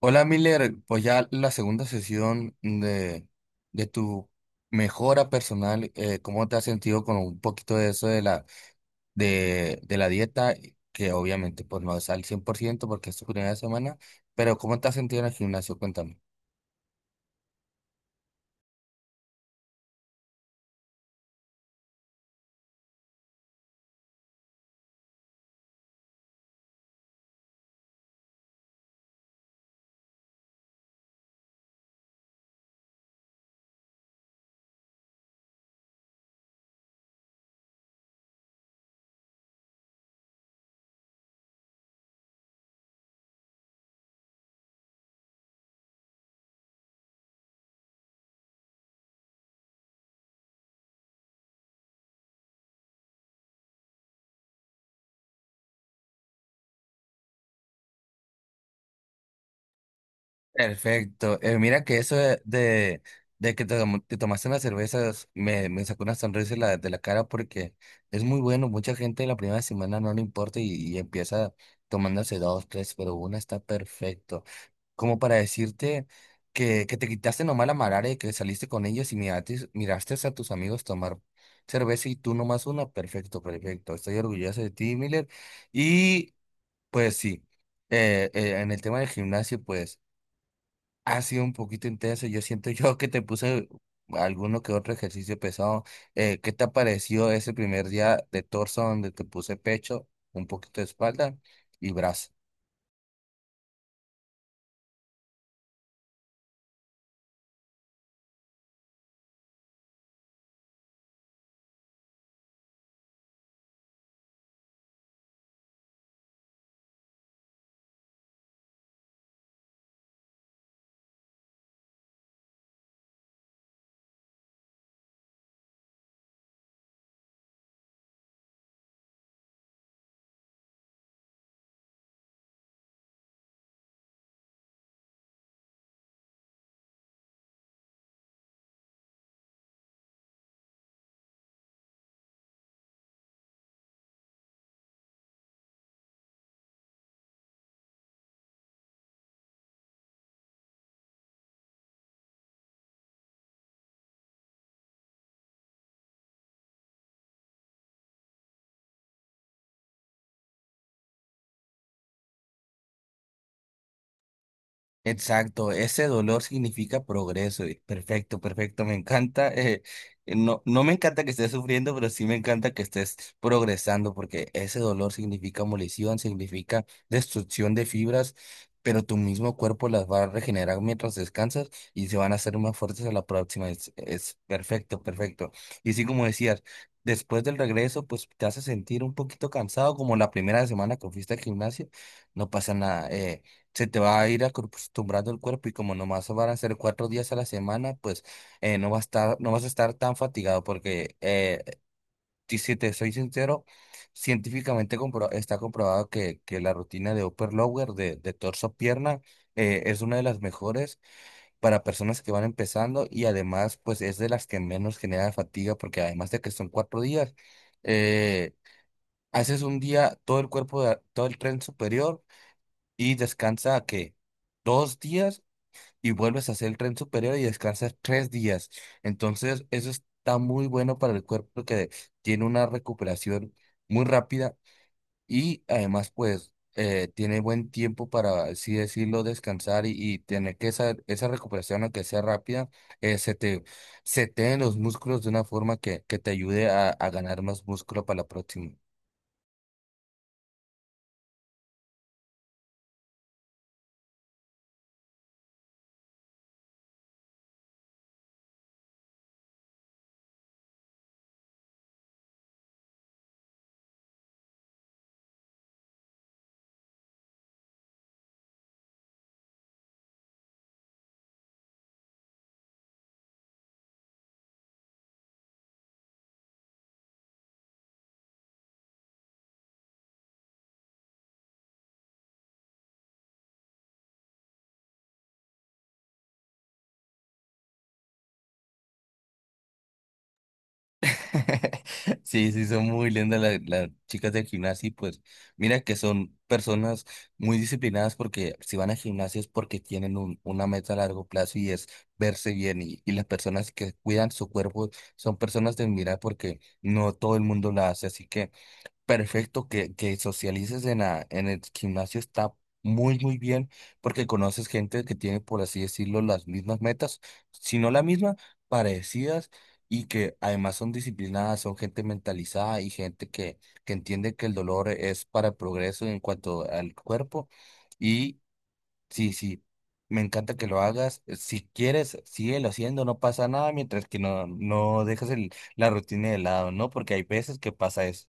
Hola Miller, pues ya la segunda sesión de tu mejora personal, ¿cómo te has sentido con un poquito de eso de la dieta? Que obviamente pues no es al 100% porque es tu primera semana, pero ¿cómo te has sentido en el gimnasio? Cuéntame. Perfecto. Mira que eso de que te tomaste unas cervezas me sacó una sonrisa de la cara porque es muy bueno. Mucha gente la primera semana no le importa y empieza tomándose dos, tres, pero una está perfecto, como para decirte que te quitaste nomás la marara y que saliste con ellos y miraste a tus amigos tomar cerveza y tú nomás una. Perfecto, perfecto. Estoy orgulloso de ti, Miller. Y pues sí, en el tema del gimnasio, pues ha sido un poquito intenso. Yo siento yo que te puse alguno que otro ejercicio pesado. ¿Qué te pareció ese primer día de torso donde te puse pecho, un poquito de espalda y brazo? Exacto, ese dolor significa progreso y perfecto, perfecto, me encanta. No, no me encanta que estés sufriendo, pero sí me encanta que estés progresando, porque ese dolor significa molición, significa destrucción de fibras, pero tu mismo cuerpo las va a regenerar mientras descansas y se van a hacer más fuertes a la próxima. Es perfecto, perfecto. Y sí, como decías, después del regreso, pues te hace sentir un poquito cansado, como la primera semana que fuiste al gimnasio, no pasa nada. Se te va a ir acostumbrando el cuerpo y como nomás van a ser 4 días a la semana, pues no vas a estar tan fatigado porque y si te soy sincero, científicamente está comprobado que la rutina de upper lower de torso pierna es una de las mejores para personas que van empezando y además pues es de las que menos genera fatiga porque además de que son 4 días, eh, haces un día todo el cuerpo, todo el tren superior y descansa que 2 días y vuelves a hacer el tren superior y descansas 3 días. Entonces, eso está muy bueno para el cuerpo que tiene una recuperación muy rápida y además, pues, tiene buen tiempo para, así decirlo, descansar y tener que esa recuperación, aunque sea rápida, se te seteen los músculos de una forma que te ayude a ganar más músculo para la próxima. Sí, sí, son muy lindas las chicas del gimnasio y pues mira que son personas muy disciplinadas porque si van al gimnasio es porque tienen una meta a largo plazo y es verse bien y las personas que cuidan su cuerpo son personas de admirar porque no todo el mundo la hace, así que perfecto, que socialices en el gimnasio está muy, muy bien porque conoces gente que tiene, por así decirlo, las mismas metas, si no la misma, parecidas y que además son disciplinadas, son gente mentalizada y gente que entiende que el dolor es para el progreso en cuanto al cuerpo. Y sí, sí, me encanta que lo hagas. Si quieres, síguelo haciendo, no pasa nada mientras que no, no dejas la rutina de lado, ¿no? Porque hay veces que pasa eso.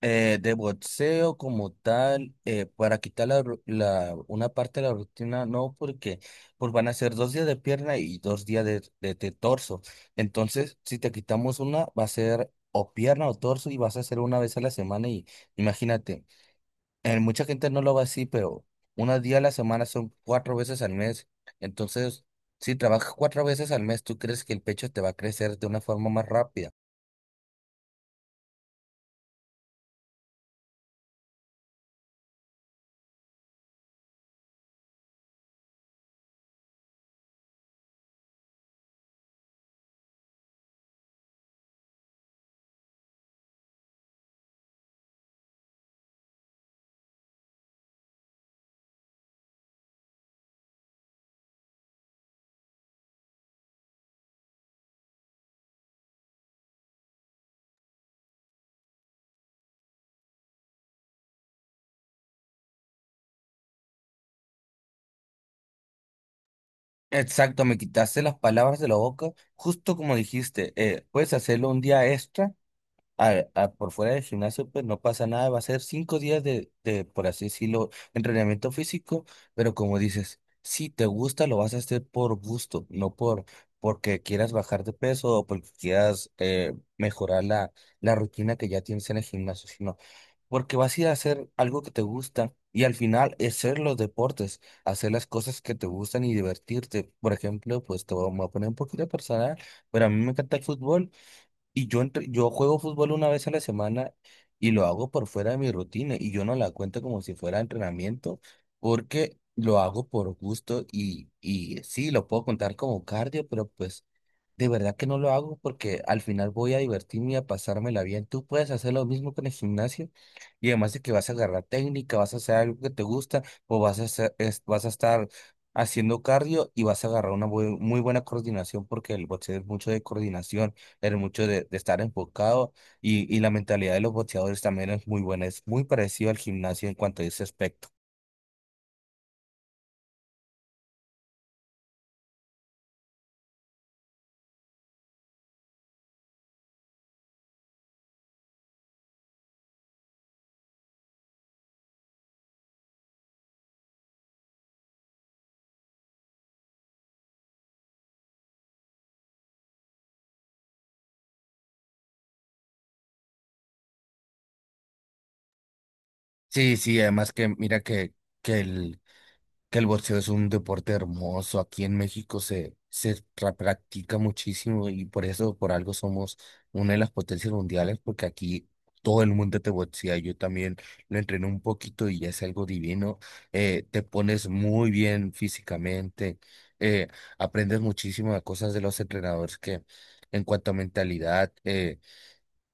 De boxeo como tal, para quitar una parte de la rutina, no, porque pues van a ser 2 días de pierna y 2 días de torso. Entonces, si te quitamos una, va a ser o pierna o torso y vas a hacer una vez a la semana y imagínate, mucha gente no lo va así, pero unos días a la semana son 4 veces al mes. Entonces, si trabajas 4 veces al mes, ¿tú crees que el pecho te va a crecer de una forma más rápida? Exacto, me quitaste las palabras de la boca, justo como dijiste, puedes hacerlo un día extra por fuera del gimnasio, pues no pasa nada, va a ser 5 días por así decirlo, entrenamiento físico, pero como dices, si te gusta, lo vas a hacer por gusto, no porque quieras bajar de peso o porque quieras mejorar la rutina que ya tienes en el gimnasio, sino porque vas a ir a hacer algo que te gusta y al final hacer los deportes, hacer las cosas que te gustan y divertirte. Por ejemplo, pues te voy me voy a poner un poquito personal, pero a mí me encanta el fútbol y yo juego fútbol una vez a la semana y lo hago por fuera de mi rutina y yo no la cuento como si fuera entrenamiento porque lo hago por gusto y sí, lo puedo contar como cardio, pero pues de verdad que no lo hago porque al final voy a divertirme y a pasármela bien. Tú puedes hacer lo mismo con el gimnasio y además de que vas a agarrar técnica, vas a hacer algo que te gusta o vas a estar haciendo cardio y vas a agarrar una muy buena coordinación porque el boxeo es mucho de coordinación el mucho de estar enfocado y la mentalidad de los boxeadores también es muy buena, es muy parecido al gimnasio en cuanto a ese aspecto. Sí, sí, además que mira que el, que el boxeo es un deporte hermoso. Aquí en México practica muchísimo y por eso, por algo somos una de las potencias mundiales, porque aquí todo el mundo te boxea. Yo también lo entrené un poquito y es algo divino. Te pones muy bien físicamente, eh, aprendes muchísimas cosas de los entrenadores que en cuanto a mentalidad. Eh,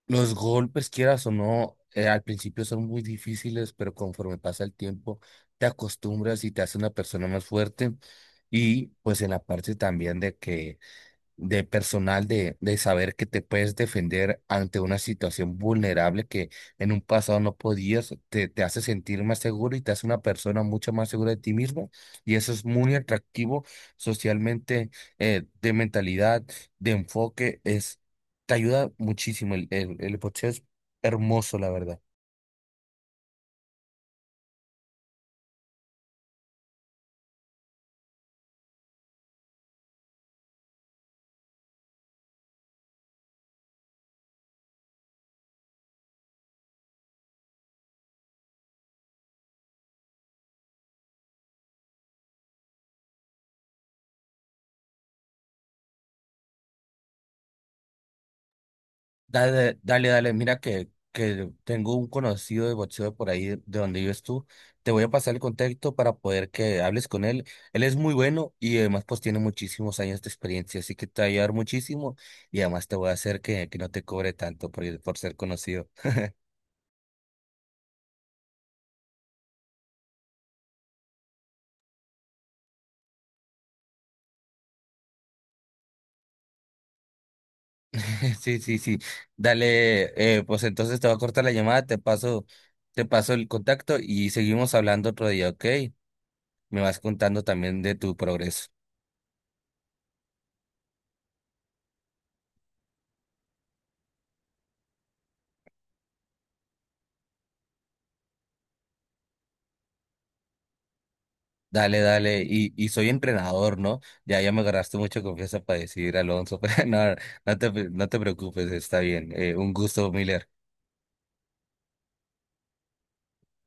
los golpes, quieras o no, al principio son muy difíciles, pero conforme pasa el tiempo, te acostumbras y te hace una persona más fuerte. Y pues en la parte también de que de personal de saber que te puedes defender ante una situación vulnerable que en un pasado no podías, te hace sentir más seguro y te hace una persona mucho más segura de ti mismo. Y eso es muy atractivo socialmente, de mentalidad, de enfoque, es, te ayuda muchísimo. El boxeo es hermoso, la verdad. Dale, dale, dale, mira que tengo un conocido de boxeo por ahí de donde vives tú. Te voy a pasar el contacto para poder que hables con él. Él es muy bueno y además pues tiene muchísimos años de experiencia, así que te va a ayudar muchísimo y además te voy a hacer que no te cobre tanto por, por ser conocido. Sí, sí, sí. Dale, pues entonces te voy a cortar la llamada, te paso el contacto y seguimos hablando otro día, ¿ok? Me vas contando también de tu progreso. Dale, dale, y soy entrenador, ¿no? Ya, ya me agarraste mucha confianza para decir, Alonso, pero no, no te preocupes, está bien. Un gusto, Miller.